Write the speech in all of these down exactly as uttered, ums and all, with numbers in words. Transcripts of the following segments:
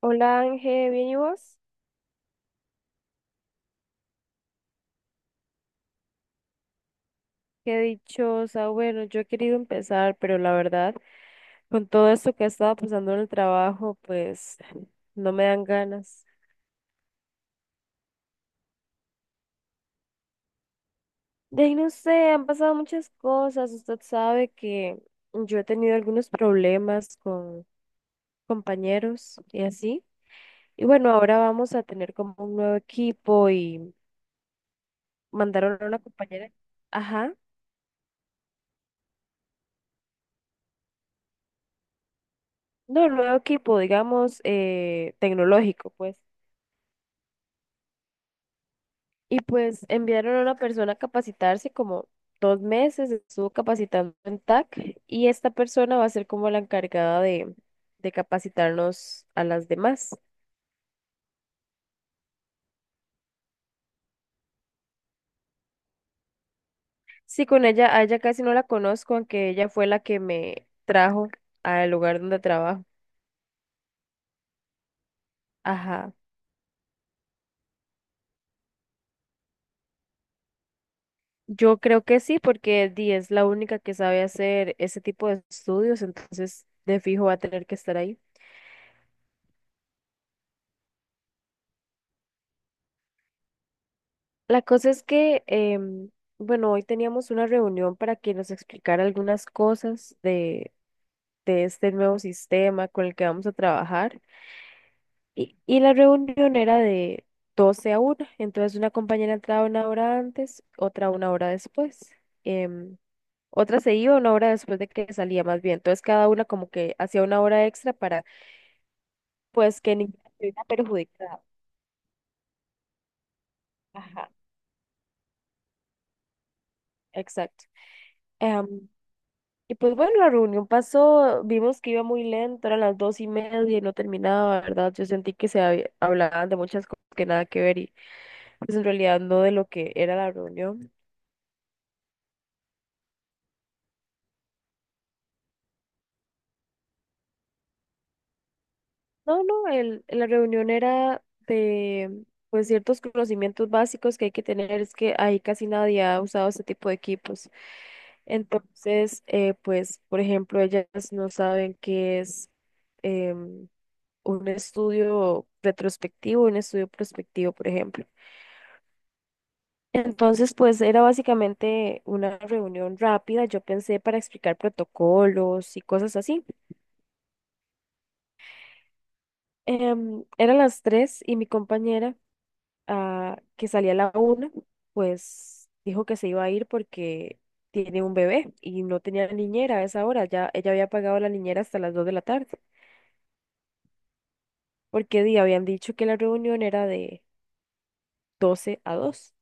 Hola Ángel, ¿bien y vos? Qué dichosa. Bueno, yo he querido empezar, pero la verdad, con todo esto que ha estado pasando en el trabajo, pues no me dan ganas. De ahí no sé, han pasado muchas cosas. Usted sabe que yo he tenido algunos problemas con compañeros y así. Y bueno, ahora vamos a tener como un nuevo equipo y mandaron a una compañera. Ajá. No, nuevo equipo, digamos, eh, tecnológico, pues. Y pues enviaron a una persona a capacitarse como dos meses, estuvo capacitando en T A C y esta persona va a ser como la encargada de, de capacitarnos a las demás. Sí, con ella, a ella casi no la conozco, aunque ella fue la que me trajo al lugar donde trabajo. Ajá. Yo creo que sí, porque Di es la única que sabe hacer ese tipo de estudios, entonces de fijo va a tener que estar ahí. La cosa es que, em, bueno, hoy teníamos una reunión para que nos explicara algunas cosas de, de este nuevo sistema con el que vamos a trabajar. Y, y la reunión era de doce a una. Entonces, una compañera entraba una hora antes, otra una hora después. em, Otra se iba una hora después de que salía más bien. Entonces, cada una como que hacía una hora extra para, pues, que ninguna se viera perjudicada. Ajá, exacto. Em, Y pues bueno, la reunión pasó, vimos que iba muy lento, eran las dos y media y no terminaba, ¿verdad? Yo sentí que se había- hablaban de muchas cosas que nada que ver y pues en realidad no de lo que era la reunión. No, no, el, la reunión era de pues ciertos conocimientos básicos que hay que tener, es que ahí casi nadie ha usado este tipo de equipos. Entonces, eh, pues, por ejemplo, ellas no saben qué es, em, un estudio retrospectivo, un estudio prospectivo, por ejemplo. Entonces, pues era básicamente una reunión rápida, yo pensé, para explicar protocolos y cosas así. Em, eran las tres y mi compañera, ah, que salía a la una, pues dijo que se iba a ir porque tiene un bebé y no tenía niñera a esa hora, ya ella había pagado la niñera hasta las dos de la tarde, porque di, habían dicho que la reunión era de doce a dos,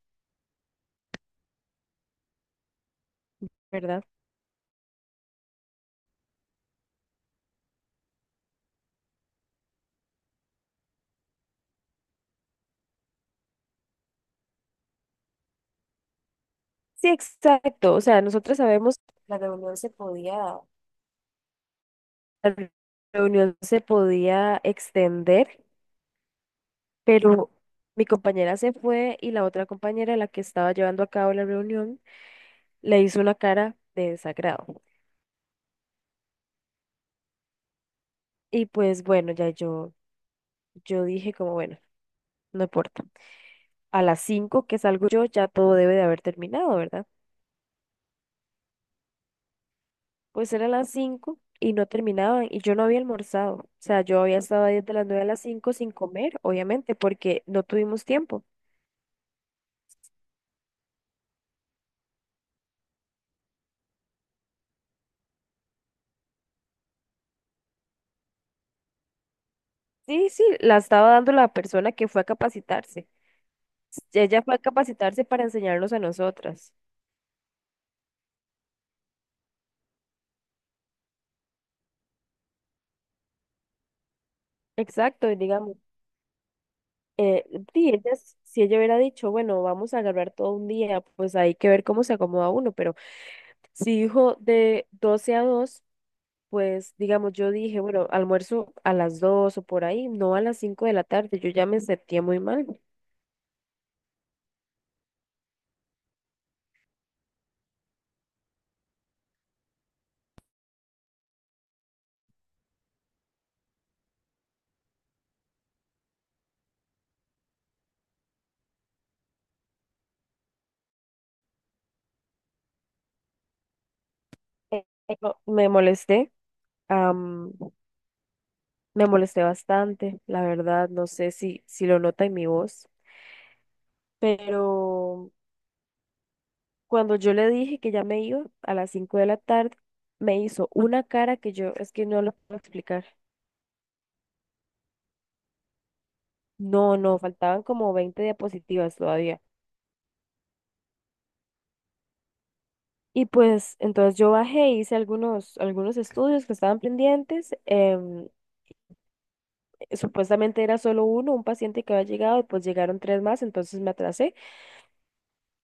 ¿verdad? Sí, exacto, o sea, nosotros sabemos que la reunión se podía La reunión se podía extender, pero mi compañera se fue y la otra compañera, la que estaba llevando a cabo la reunión, le hizo una cara de desagrado. Y pues bueno, ya yo, yo dije como, bueno, no importa. A las cinco, que salgo yo, ya todo debe de haber terminado, ¿verdad? Pues eran las cinco y no terminaban y yo no había almorzado. O sea, yo había estado ahí desde las nueve a las cinco sin comer, obviamente, porque no tuvimos tiempo. Sí, sí, la estaba dando la persona que fue a capacitarse. Ella fue a capacitarse para enseñarnos a nosotras. Exacto, y digamos, eh, sí, ella s- si ella hubiera dicho, bueno, vamos a agarrar todo un día, pues hay que ver cómo se acomoda uno, pero si dijo de doce a dos, pues digamos, yo dije, bueno, almuerzo a las dos o por ahí, no a las cinco de la tarde, yo ya me sentía muy mal. Eh, no, me molesté, am, me molesté bastante, la verdad, no sé si, si lo nota en mi voz, pero... Cuando yo le dije que ya me iba a las cinco de la tarde, me hizo una cara que yo es que no lo puedo explicar. No, no, faltaban como veinte diapositivas todavía. Y pues entonces yo bajé, hice algunos, algunos estudios que estaban pendientes. Em, supuestamente era solo uno, un paciente que había llegado, y pues llegaron tres más, entonces me atrasé.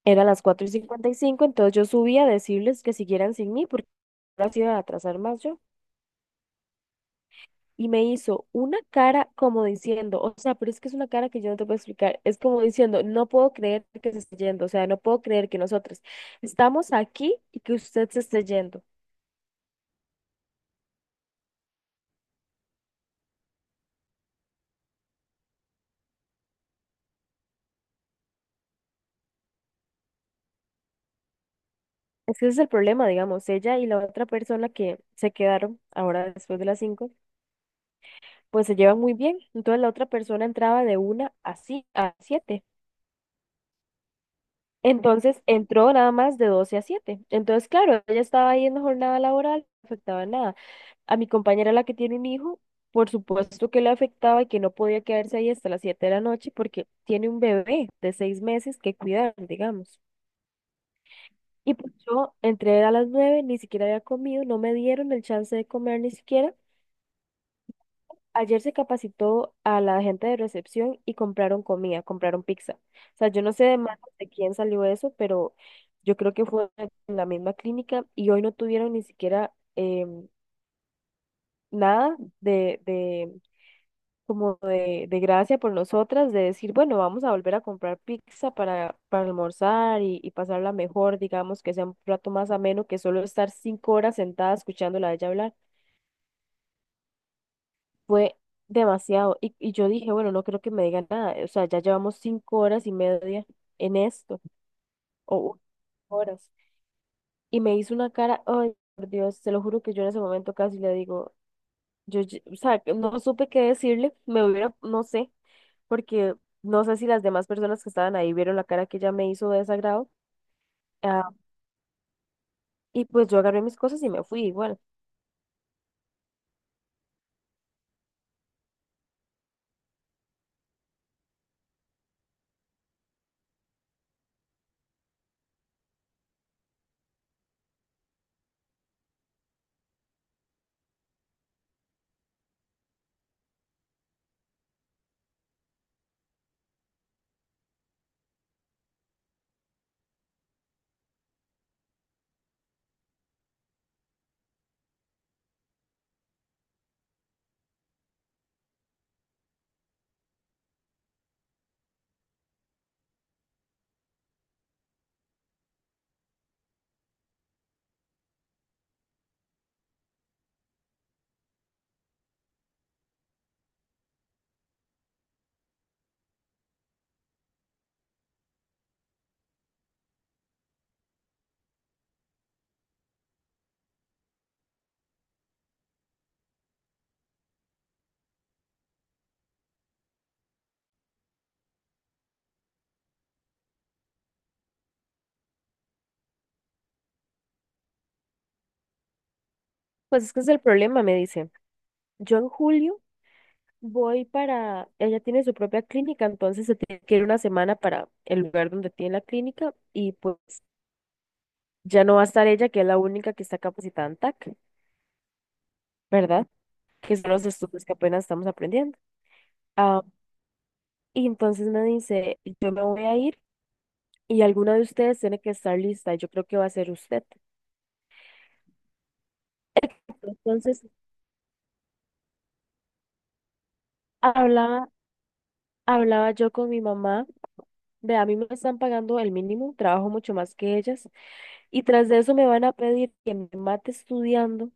Eran las cuatro y cincuenta y cinco. Entonces yo subí a decirles que siguieran sin mí porque ahora sí iba a atrasar más yo. Y me hizo una cara como diciendo, o sea, pero es que es una cara que yo no te puedo explicar, es como diciendo, no puedo creer que se esté yendo, o sea, no puedo creer que nosotros estamos aquí y que usted se esté yendo. Es que ese es el problema, digamos, ella y la otra persona que se quedaron ahora después de las cinco, pues se llevan muy bien. Entonces la otra persona entraba de una a, ci- a siete. Entonces entró nada más de doce a siete. Entonces, claro, ella estaba ahí en la jornada laboral, no afectaba nada. A mi compañera, la que tiene un hijo, por supuesto que le afectaba y que no podía quedarse ahí hasta las siete de la noche porque tiene un bebé de seis meses que cuidar, digamos. Y pues yo entré a las nueve, ni siquiera había comido, no me dieron el chance de comer ni siquiera. Ayer se capacitó a la gente de recepción y compraron comida, compraron pizza. O sea, yo no sé de manos de quién salió eso, pero yo creo que fue en la misma clínica y hoy no tuvieron ni siquiera, em, nada de, de como de, de gracia por nosotras, de decir, bueno, vamos a volver a comprar pizza para, para almorzar y, y pasarla mejor, digamos, que sea un plato más ameno que solo estar cinco horas sentada escuchándola a ella hablar. Fue demasiado. Y, y yo dije, bueno, no creo que me digan nada. O sea, ya llevamos cinco horas y media en esto, o u- horas. Y me hizo una cara, ay, por Dios, te lo juro que yo en ese momento casi le digo, yo, ye- o sea, que no supe qué decirle, me hubiera, no sé, porque no sé si las demás personas que estaban ahí vieron la cara que ella me hizo de desagrado. Ah, y pues yo agarré mis cosas y me fui igual. Pues es que es el problema, me dice. Yo en julio voy para, ella tiene su propia clínica, entonces se tiene que ir una semana para el lugar donde tiene la clínica y pues ya no va a estar ella, que es la única que está capacitada en T A C, ¿verdad? Que son los estudios que apenas estamos aprendiendo. Ah, y entonces me dice, yo me voy a ir y alguna de ustedes tiene que estar lista, y yo creo que va a ser usted. Entonces hablaba, hablaba yo con mi mamá, ve, a mí me están pagando el mínimo, trabajo mucho más que ellas. Y tras de eso me van a pedir que me mate estudiando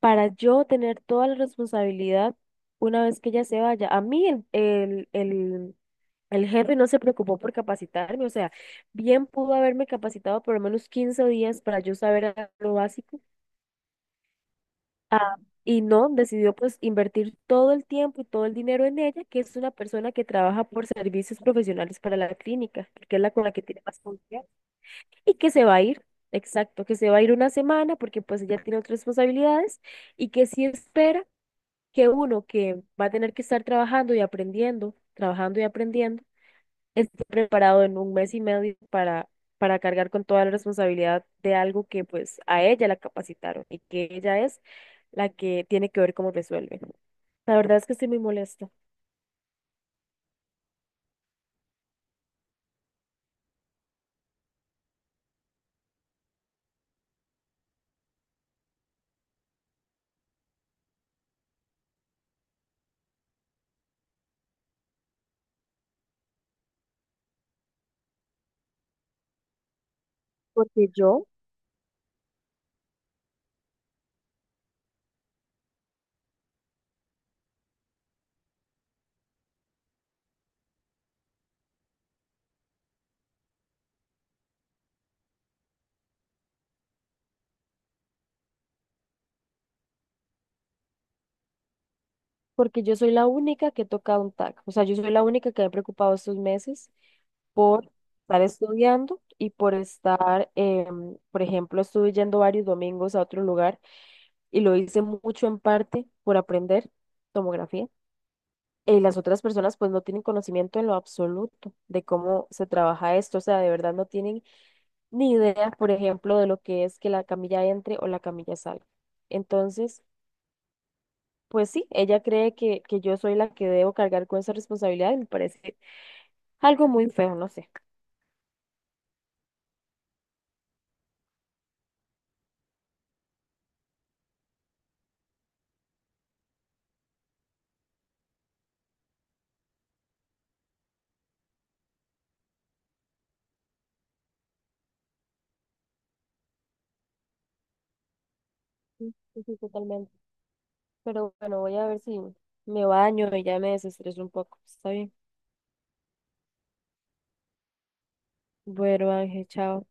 para yo tener toda la responsabilidad una vez que ella se vaya. A mí el, el, el, el jefe no se preocupó por capacitarme, o sea, bien pudo haberme capacitado por lo menos quince días para yo saber a- lo básico. Ah, y no, decidió pues invertir todo el tiempo y todo el dinero en ella, que es una persona que trabaja por servicios profesionales para la clínica, que es la con la que tiene más confianza, y que se va a ir, exacto, que se va a ir una semana porque pues ella tiene otras responsabilidades y que sí espera que uno que va a tener que estar trabajando y aprendiendo, trabajando y aprendiendo, esté preparado en un mes y medio para, para cargar con toda la responsabilidad de algo que pues a ella la capacitaron y que ella es la que tiene que ver cómo resuelve. La verdad es que estoy muy molesta, porque yo, porque yo soy la única que toca un T A C, o sea, yo soy la única que me he preocupado estos meses por estar estudiando y por estar, em, por ejemplo, estuve yendo varios domingos a otro lugar y lo hice mucho en parte por aprender tomografía. Y las otras personas pues no tienen conocimiento en lo absoluto de cómo se trabaja esto, o sea, de verdad no tienen ni idea, por ejemplo, de lo que es que la camilla entre o la camilla salga. Entonces, pues sí, ella cree que, que yo soy la que debo cargar con esa responsabilidad y me parece algo muy feo, no sé. Sí, sí, sí, totalmente. Pero bueno, voy a ver si me baño y ya me desestreso un poco. Está bien. Bueno, Ángel, chao.